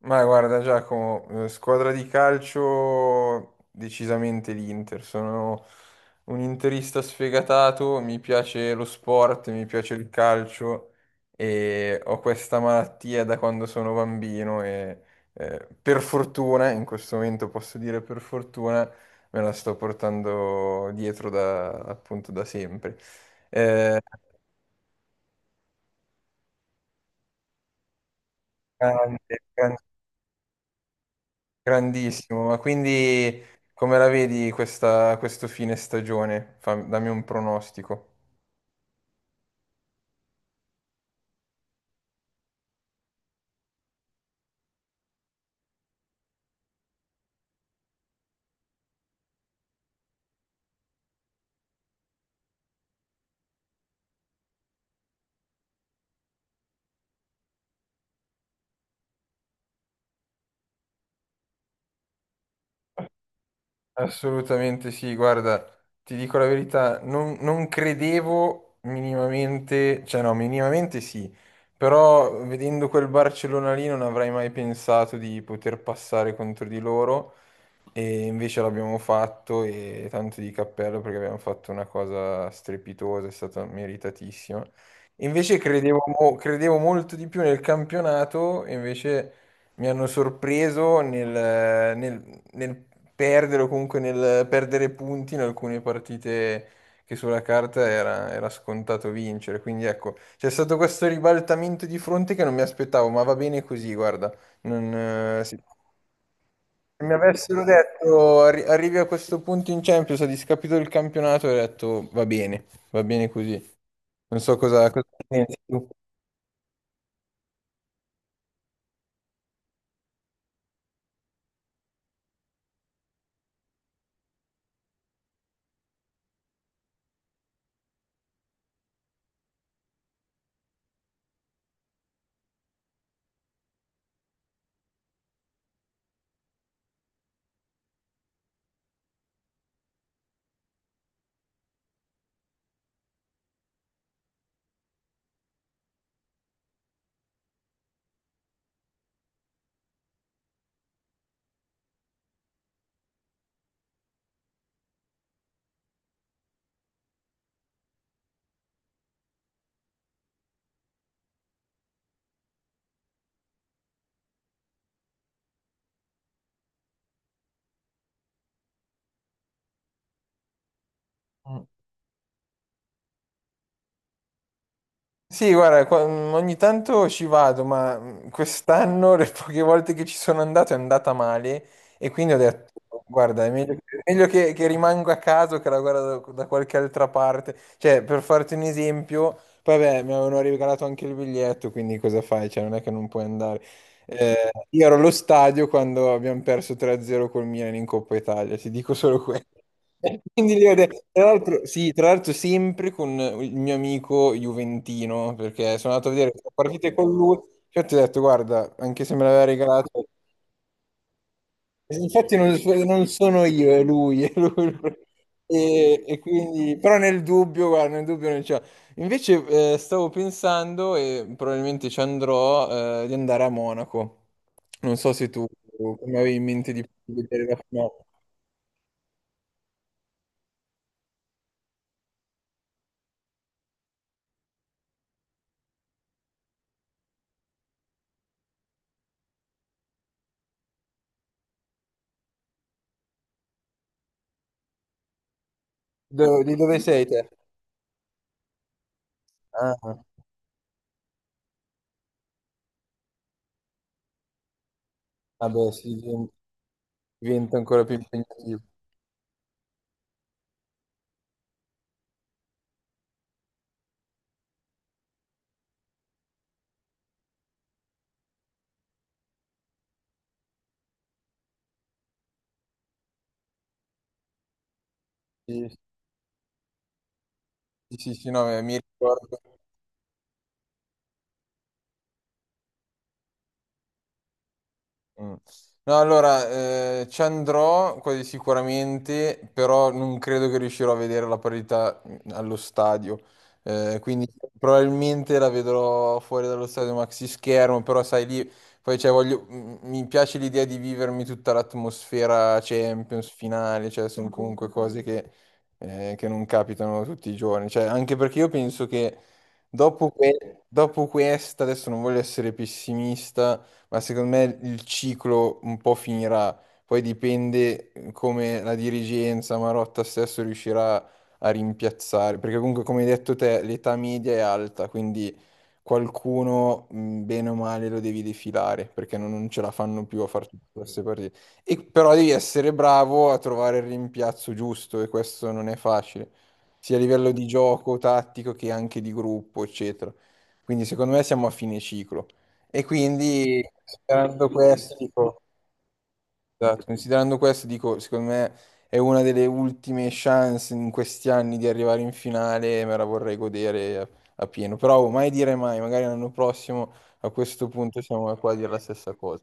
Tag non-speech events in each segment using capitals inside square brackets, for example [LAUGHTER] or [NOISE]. Ma guarda Giacomo, squadra di calcio decisamente l'Inter, sono un interista sfegatato, mi piace lo sport, mi piace il calcio e ho questa malattia da quando sono bambino e per fortuna, in questo momento posso dire per fortuna, me la sto portando dietro da, appunto da sempre. Eh, grande, grande. Grandissimo, ma quindi come la vedi questo fine stagione? Dammi un pronostico. Assolutamente sì, guarda, ti dico la verità, non credevo minimamente, cioè no, minimamente sì, però vedendo quel Barcellona lì non avrei mai pensato di poter passare contro di loro. E invece l'abbiamo fatto e tanto di cappello perché abbiamo fatto una cosa strepitosa, è stata meritatissima. Invece credevo molto di più nel campionato, e invece mi hanno sorpreso nel perdere o comunque nel perdere punti in alcune partite che sulla carta era scontato vincere. Quindi ecco, c'è stato questo ribaltamento di fronte che non mi aspettavo, ma va bene così, guarda. Non, sì. Se mi avessero detto "Arrivi a questo punto in Champions, ha discapito il campionato, avrei detto va bene così. Non so cosa ne pensi tu. Sì, guarda, ogni tanto ci vado, ma quest'anno [LAUGHS] le poche volte che ci sono andato è andata male e quindi ho detto, guarda, è meglio che rimango a casa o che la guardo da qualche altra parte. Cioè, per farti un esempio, poi vabbè, mi avevano regalato anche il biglietto, quindi cosa fai? Cioè, non è che non puoi andare. Io ero allo stadio quando abbiamo perso 3-0 col Milan in Coppa Italia, ti dico solo [LAUGHS] questo. E [LAUGHS] Quindi lì tra l'altro, sì, tra l'altro sempre con il mio amico Juventino, perché sono andato a vedere le partite con lui, cioè ti ho detto, guarda, anche se me l'aveva regalato, infatti non sono io, è lui, è lui. [LAUGHS] E quindi, però nel dubbio, guarda, nel dubbio non c'è. Invece stavo pensando, e probabilmente ci andrò, di andare a Monaco. Non so se tu come avevi in mente di vedere la finale. Di dove sei te? Ah. Vabbè, sì, diventa ancora più impegnativo. Sì, sì, sì, sì, no, mi ricordo. Mm. No, allora, ci andrò quasi sicuramente, però non credo che riuscirò a vedere la partita allo stadio. Quindi probabilmente la vedrò fuori dallo stadio maxi schermo, però sai lì, poi cioè, mi piace l'idea di vivermi tutta l'atmosfera Champions finale, cioè sono comunque cose che non capitano tutti i giorni. Cioè, anche perché io penso che dopo questa, adesso non voglio essere pessimista ma secondo me il ciclo un po' finirà. Poi dipende come la dirigenza, Marotta stesso riuscirà a rimpiazzare, perché comunque come hai detto te l'età media è alta, quindi qualcuno bene o male lo devi defilare, perché non ce la fanno più a fare tutte queste partite. E però devi essere bravo a trovare il rimpiazzo giusto e questo non è facile, sia a livello di gioco tattico che anche di gruppo, eccetera. Quindi secondo me siamo a fine ciclo. E quindi, considerando questo, dico, esatto, considerando questo, dico, secondo me è una delle ultime chance in questi anni di arrivare in finale e me la vorrei godere a pieno. Però oh, mai dire mai, magari l'anno prossimo a questo punto siamo qua a dire la stessa cosa.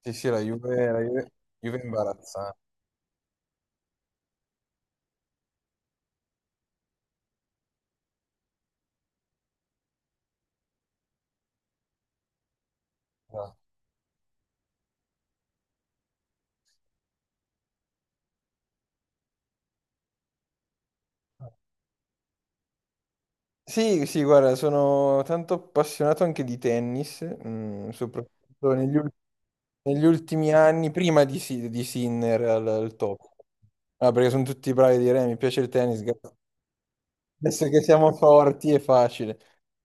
Sì, sì, la Juve è imbarazzante. Esatto. Sì, sì, guarda, sono tanto appassionato anche di tennis, soprattutto negli ultimi anni, prima di Sinner al top. Ah, perché sono tutti bravi a dire, mi piace il tennis, adesso che siamo forti è facile.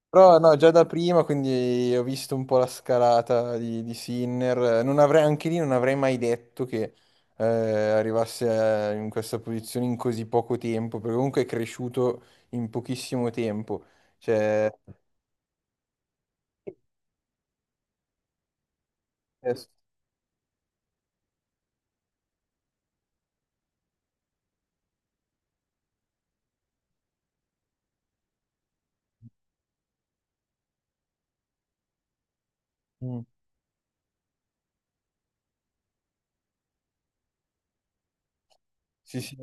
Però no, già da prima, quindi ho visto un po' la scalata di Sinner. Non avrei, anche lì non avrei mai detto che arrivasse in questa posizione in così poco tempo, perché comunque è cresciuto in pochissimo tempo. Cioè, eh, sì, sì.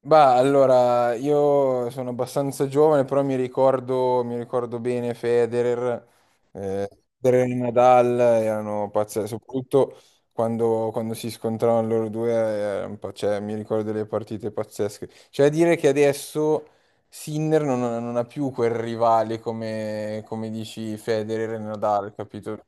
Bah, allora, io sono abbastanza giovane, però mi ricordo bene eh, Federer e Nadal erano pazzeschi, soprattutto quando si scontravano loro due, un po', cioè, mi ricordo delle partite pazzesche. Cioè, a dire che adesso Sinner non ha più quel rivale come dici Federer e Nadal, capito?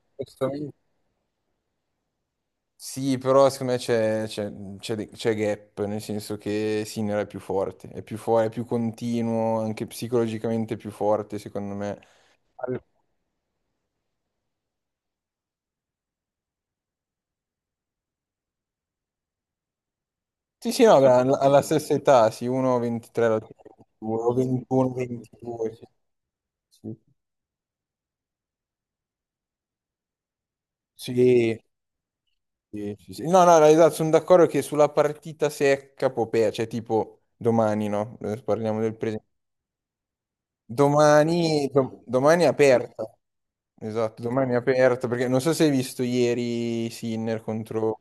Sì, però secondo me c'è gap, nel senso che Sinner è più forte, è più continuo, anche psicologicamente è più forte, secondo me. Al- Sì, sì, no, alla stessa età, sì, 1,23 alla 21, 22, sì. Sì, sì, sì, sì, sì. No, no, no, esatto, sono d'accordo che sulla partita secca Popea, cioè tipo domani, no? Parliamo del presente. Domani è aperta. Esatto, domani è aperto perché non so se hai visto ieri Sinner contro...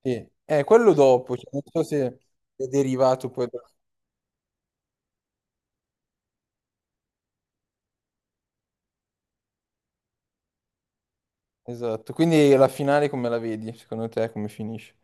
Sì, quello dopo, cioè, non so se è derivato poi... Esatto, quindi la finale come la vedi? Secondo te come finisce?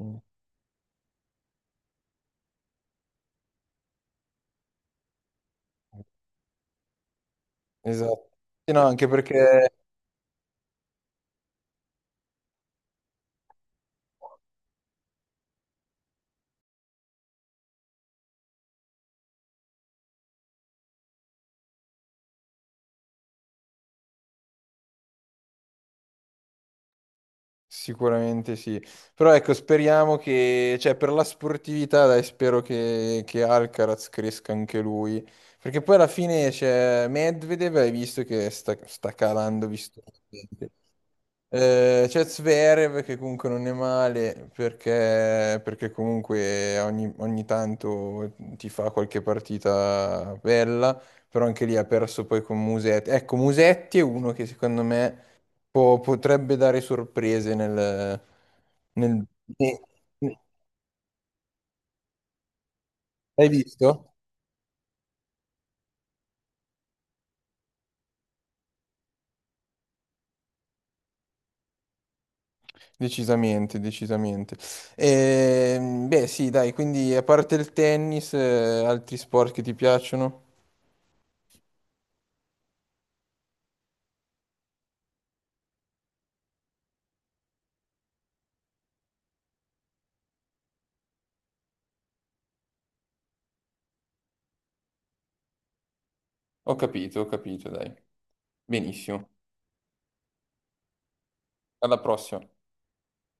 Mm. Esatto. Sì, no, anche perché sicuramente sì. Però ecco, speriamo che, cioè per la sportività, dai, spero che Alcaraz cresca anche lui. Perché poi alla fine c'è Medvedev, hai visto che sta calando, visto. C'è Zverev che comunque non è male perché comunque ogni tanto ti fa qualche partita bella, però anche lì ha perso poi con Musetti. Ecco, Musetti è uno che secondo me potrebbe dare sorprese nel... nel- ne- ne- Hai visto? Decisamente, decisamente. Beh, sì, dai, quindi a parte il tennis, altri sport che ti piacciono? Ho capito, dai. Benissimo. Alla prossima.